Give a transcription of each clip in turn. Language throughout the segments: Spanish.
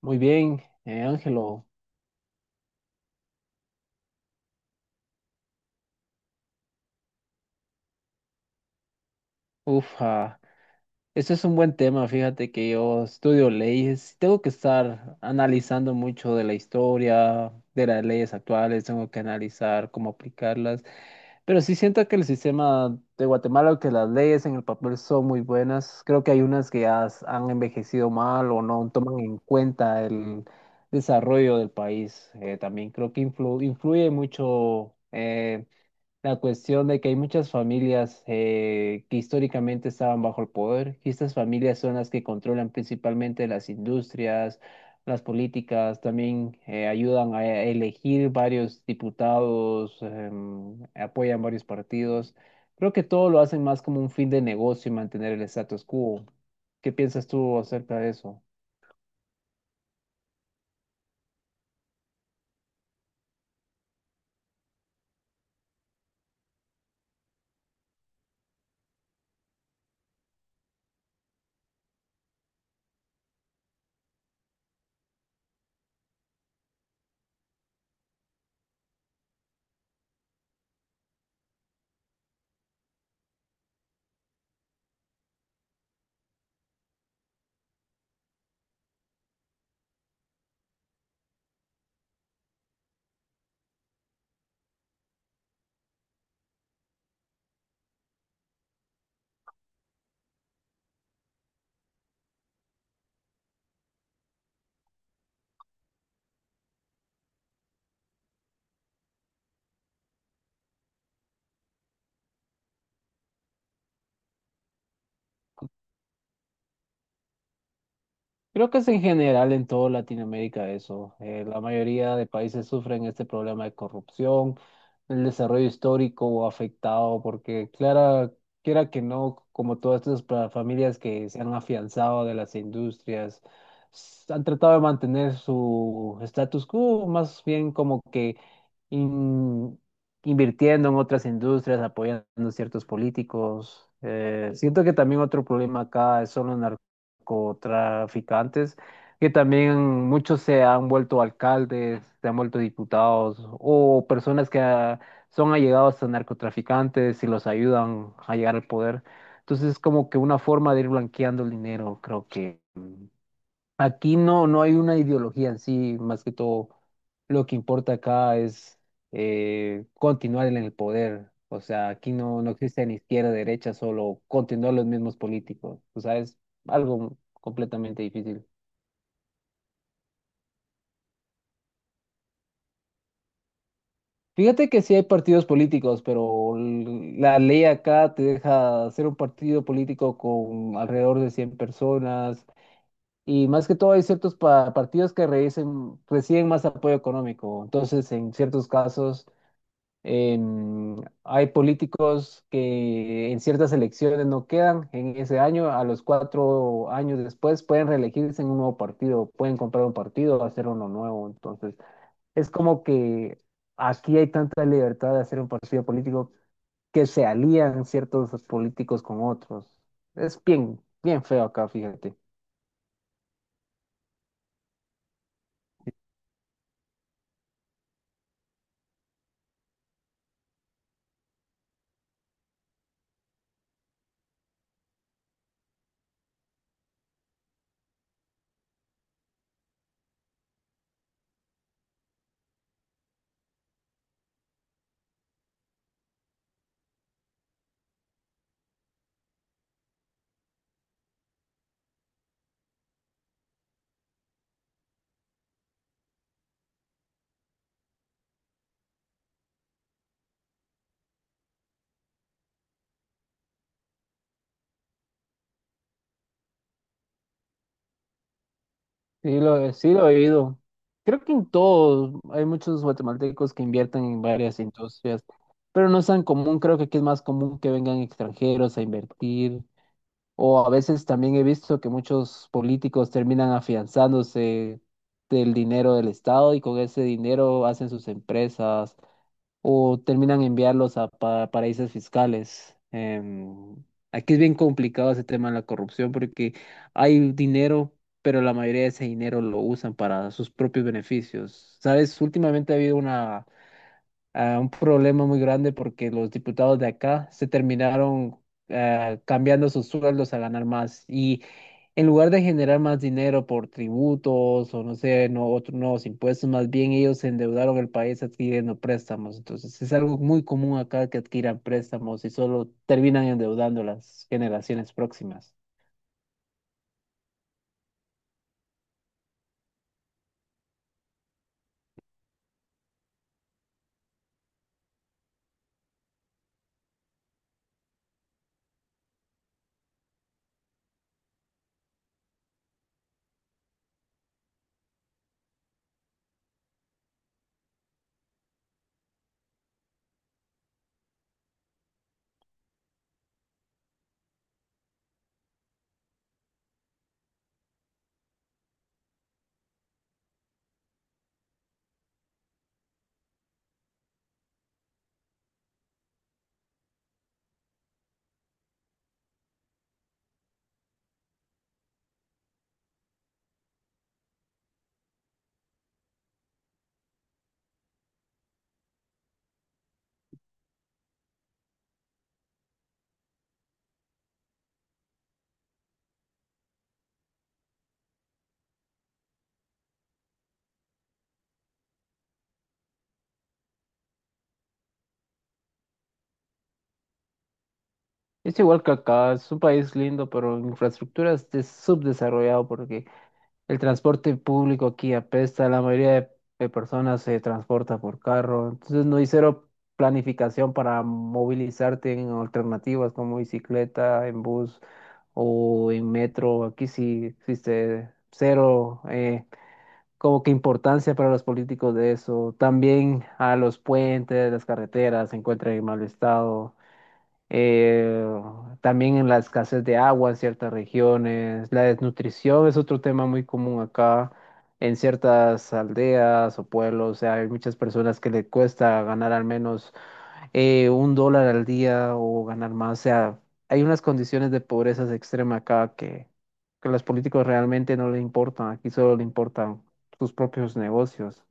Muy bien, Ángelo. Uf, ah, este es un buen tema. Fíjate que yo estudio leyes. Tengo que estar analizando mucho de la historia, de las leyes actuales. Tengo que analizar cómo aplicarlas. Pero sí siento que el sistema de Guatemala, que las leyes en el papel son muy buenas. Creo que hay unas que han envejecido mal o no toman en cuenta el desarrollo del país. También creo que influye mucho, la cuestión de que hay muchas familias que históricamente estaban bajo el poder, y estas familias son las que controlan principalmente las industrias, las políticas, también ayudan a elegir varios diputados, apoyan varios partidos. Creo que todo lo hacen más como un fin de negocio y mantener el status quo. ¿Qué piensas tú acerca de eso? Creo que es en general en toda Latinoamérica eso. La mayoría de países sufren este problema de corrupción, el desarrollo histórico o afectado, porque clara, quiera que no, como todas estas familias que se han afianzado de las industrias, han tratado de mantener su status quo, más bien como que in- invirtiendo en otras industrias, apoyando a ciertos políticos. Siento que también otro problema acá es solo narcotraficantes, que también muchos se han vuelto alcaldes, se han vuelto diputados o personas que son allegados a narcotraficantes y los ayudan a llegar al poder. Entonces es como que una forma de ir blanqueando el dinero, creo que. Aquí no hay una ideología en sí, más que todo lo que importa acá es continuar en el poder. O sea, aquí no existe ni izquierda, derecha, solo continuar los mismos políticos. O sea, es algo completamente difícil. Fíjate que sí hay partidos políticos, pero la ley acá te deja hacer un partido político con alrededor de 100 personas. Y más que todo hay ciertos partidos que reciben más apoyo económico. Entonces, en ciertos casos Em, hay políticos que en ciertas elecciones no quedan en ese año, a los 4 años después pueden reelegirse en un nuevo partido, pueden comprar un partido, hacer uno nuevo. Entonces, es como que aquí hay tanta libertad de hacer un partido político, que se alían ciertos políticos con otros. Es bien feo acá, fíjate. Sí lo he oído. Creo que en todo hay muchos guatemaltecos que invierten en varias industrias, pero no es tan común. Creo que aquí es más común que vengan extranjeros a invertir. O a veces también he visto que muchos políticos terminan afianzándose del dinero del Estado y con ese dinero hacen sus empresas o terminan enviarlos a paraísos fiscales. Aquí es bien complicado ese tema de la corrupción porque hay dinero, pero la mayoría de ese dinero lo usan para sus propios beneficios. ¿Sabes? Últimamente ha habido un problema muy grande porque los diputados de acá se terminaron... cambiando sus sueldos a ganar más. Y en lugar de generar más dinero por tributos o no sé, no, otros nuevos impuestos, más bien ellos endeudaron el país adquiriendo préstamos. Entonces es algo muy común acá que adquieran préstamos y solo terminan endeudando las generaciones próximas. Es igual que acá, es un país lindo, pero en infraestructura es subdesarrollado porque el transporte público aquí apesta, la mayoría de personas se transporta por carro, entonces no hay cero planificación para movilizarte en alternativas como bicicleta, en bus o en metro. Aquí sí existe cero como que importancia para los políticos de eso. También a los puentes, las carreteras se encuentran en mal estado, eh, también en la escasez de agua en ciertas regiones, la desnutrición es otro tema muy común acá en ciertas aldeas o pueblos, o sea, hay muchas personas que le cuesta ganar al menos $1 al día o ganar más, o sea, hay unas condiciones de pobreza extrema acá que a los políticos realmente no le importan, aquí solo le importan sus propios negocios.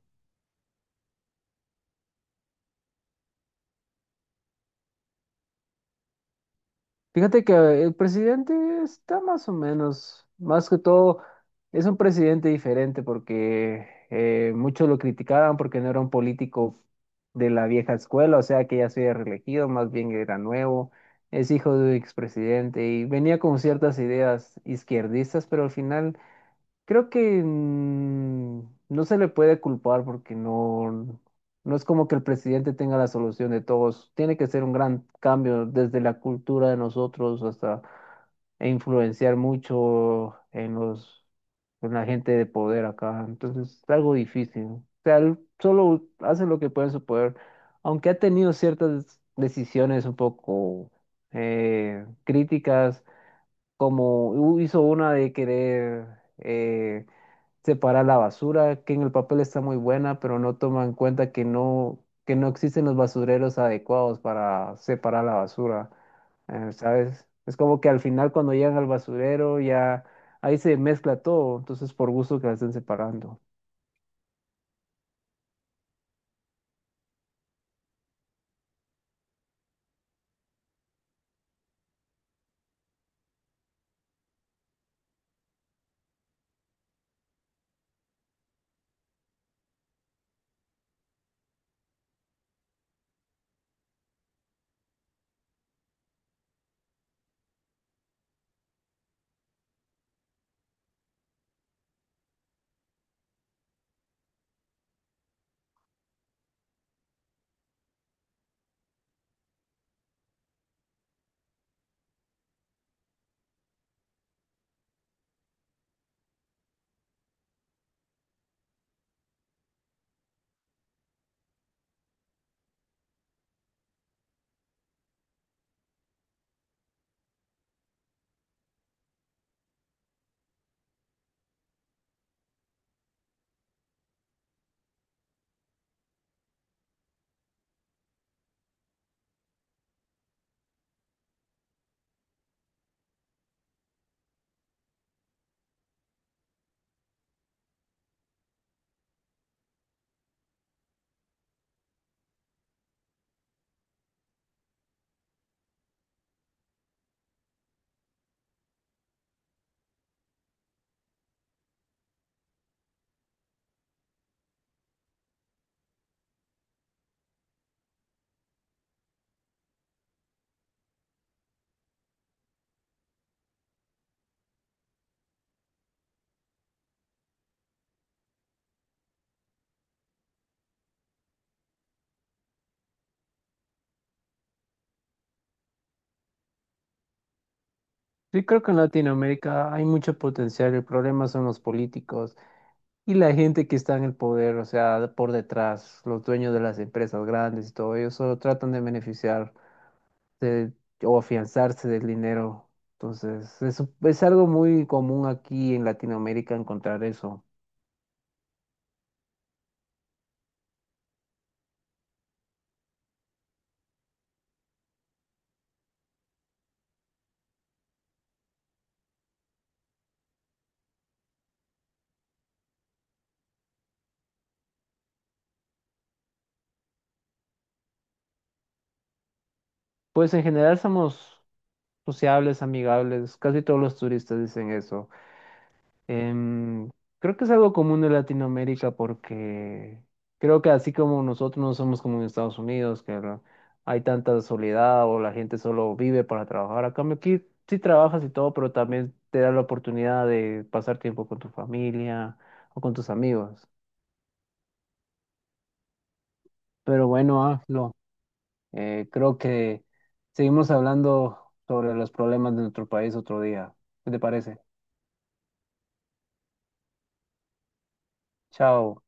Fíjate que el presidente está más o menos, más que todo, es un presidente diferente porque muchos lo criticaban porque no era un político de la vieja escuela, o sea que ya se había reelegido, más bien era nuevo, es hijo de un expresidente y venía con ciertas ideas izquierdistas, pero al final creo que no se le puede culpar porque no, no es como que el presidente tenga la solución de todos. Tiene que ser un gran cambio desde la cultura de nosotros hasta e influenciar mucho en en la gente de poder acá. Entonces es algo difícil. O sea, él solo hace lo que puede en su poder, aunque ha tenido ciertas decisiones un poco críticas, como hizo una de querer... eh, separar la basura, que en el papel está muy buena, pero no toma en cuenta que no existen los basureros adecuados para separar la basura. ¿Sabes? Es como que al final cuando llegan al basurero ya ahí se mezcla todo, entonces por gusto que la estén separando. Sí, creo que en Latinoamérica hay mucho potencial, el problema son los políticos y la gente que está en el poder, o sea, por detrás, los dueños de las empresas grandes y todo, ellos solo tratan de beneficiar de- o afianzarse del dinero. Entonces, eso es algo muy común aquí en Latinoamérica encontrar eso. Pues en general somos sociables, amigables, casi todos los turistas dicen eso. Em, Creo que es algo común en Latinoamérica porque creo que así como nosotros no somos como en Estados Unidos, que hay tanta soledad o la gente solo vive para trabajar. A cambio aquí sí trabajas y todo, pero también te da la oportunidad de pasar tiempo con tu familia o con tus amigos. Pero bueno, Aflo, creo que seguimos hablando sobre los problemas de nuestro país otro día. ¿Qué te parece? Chao.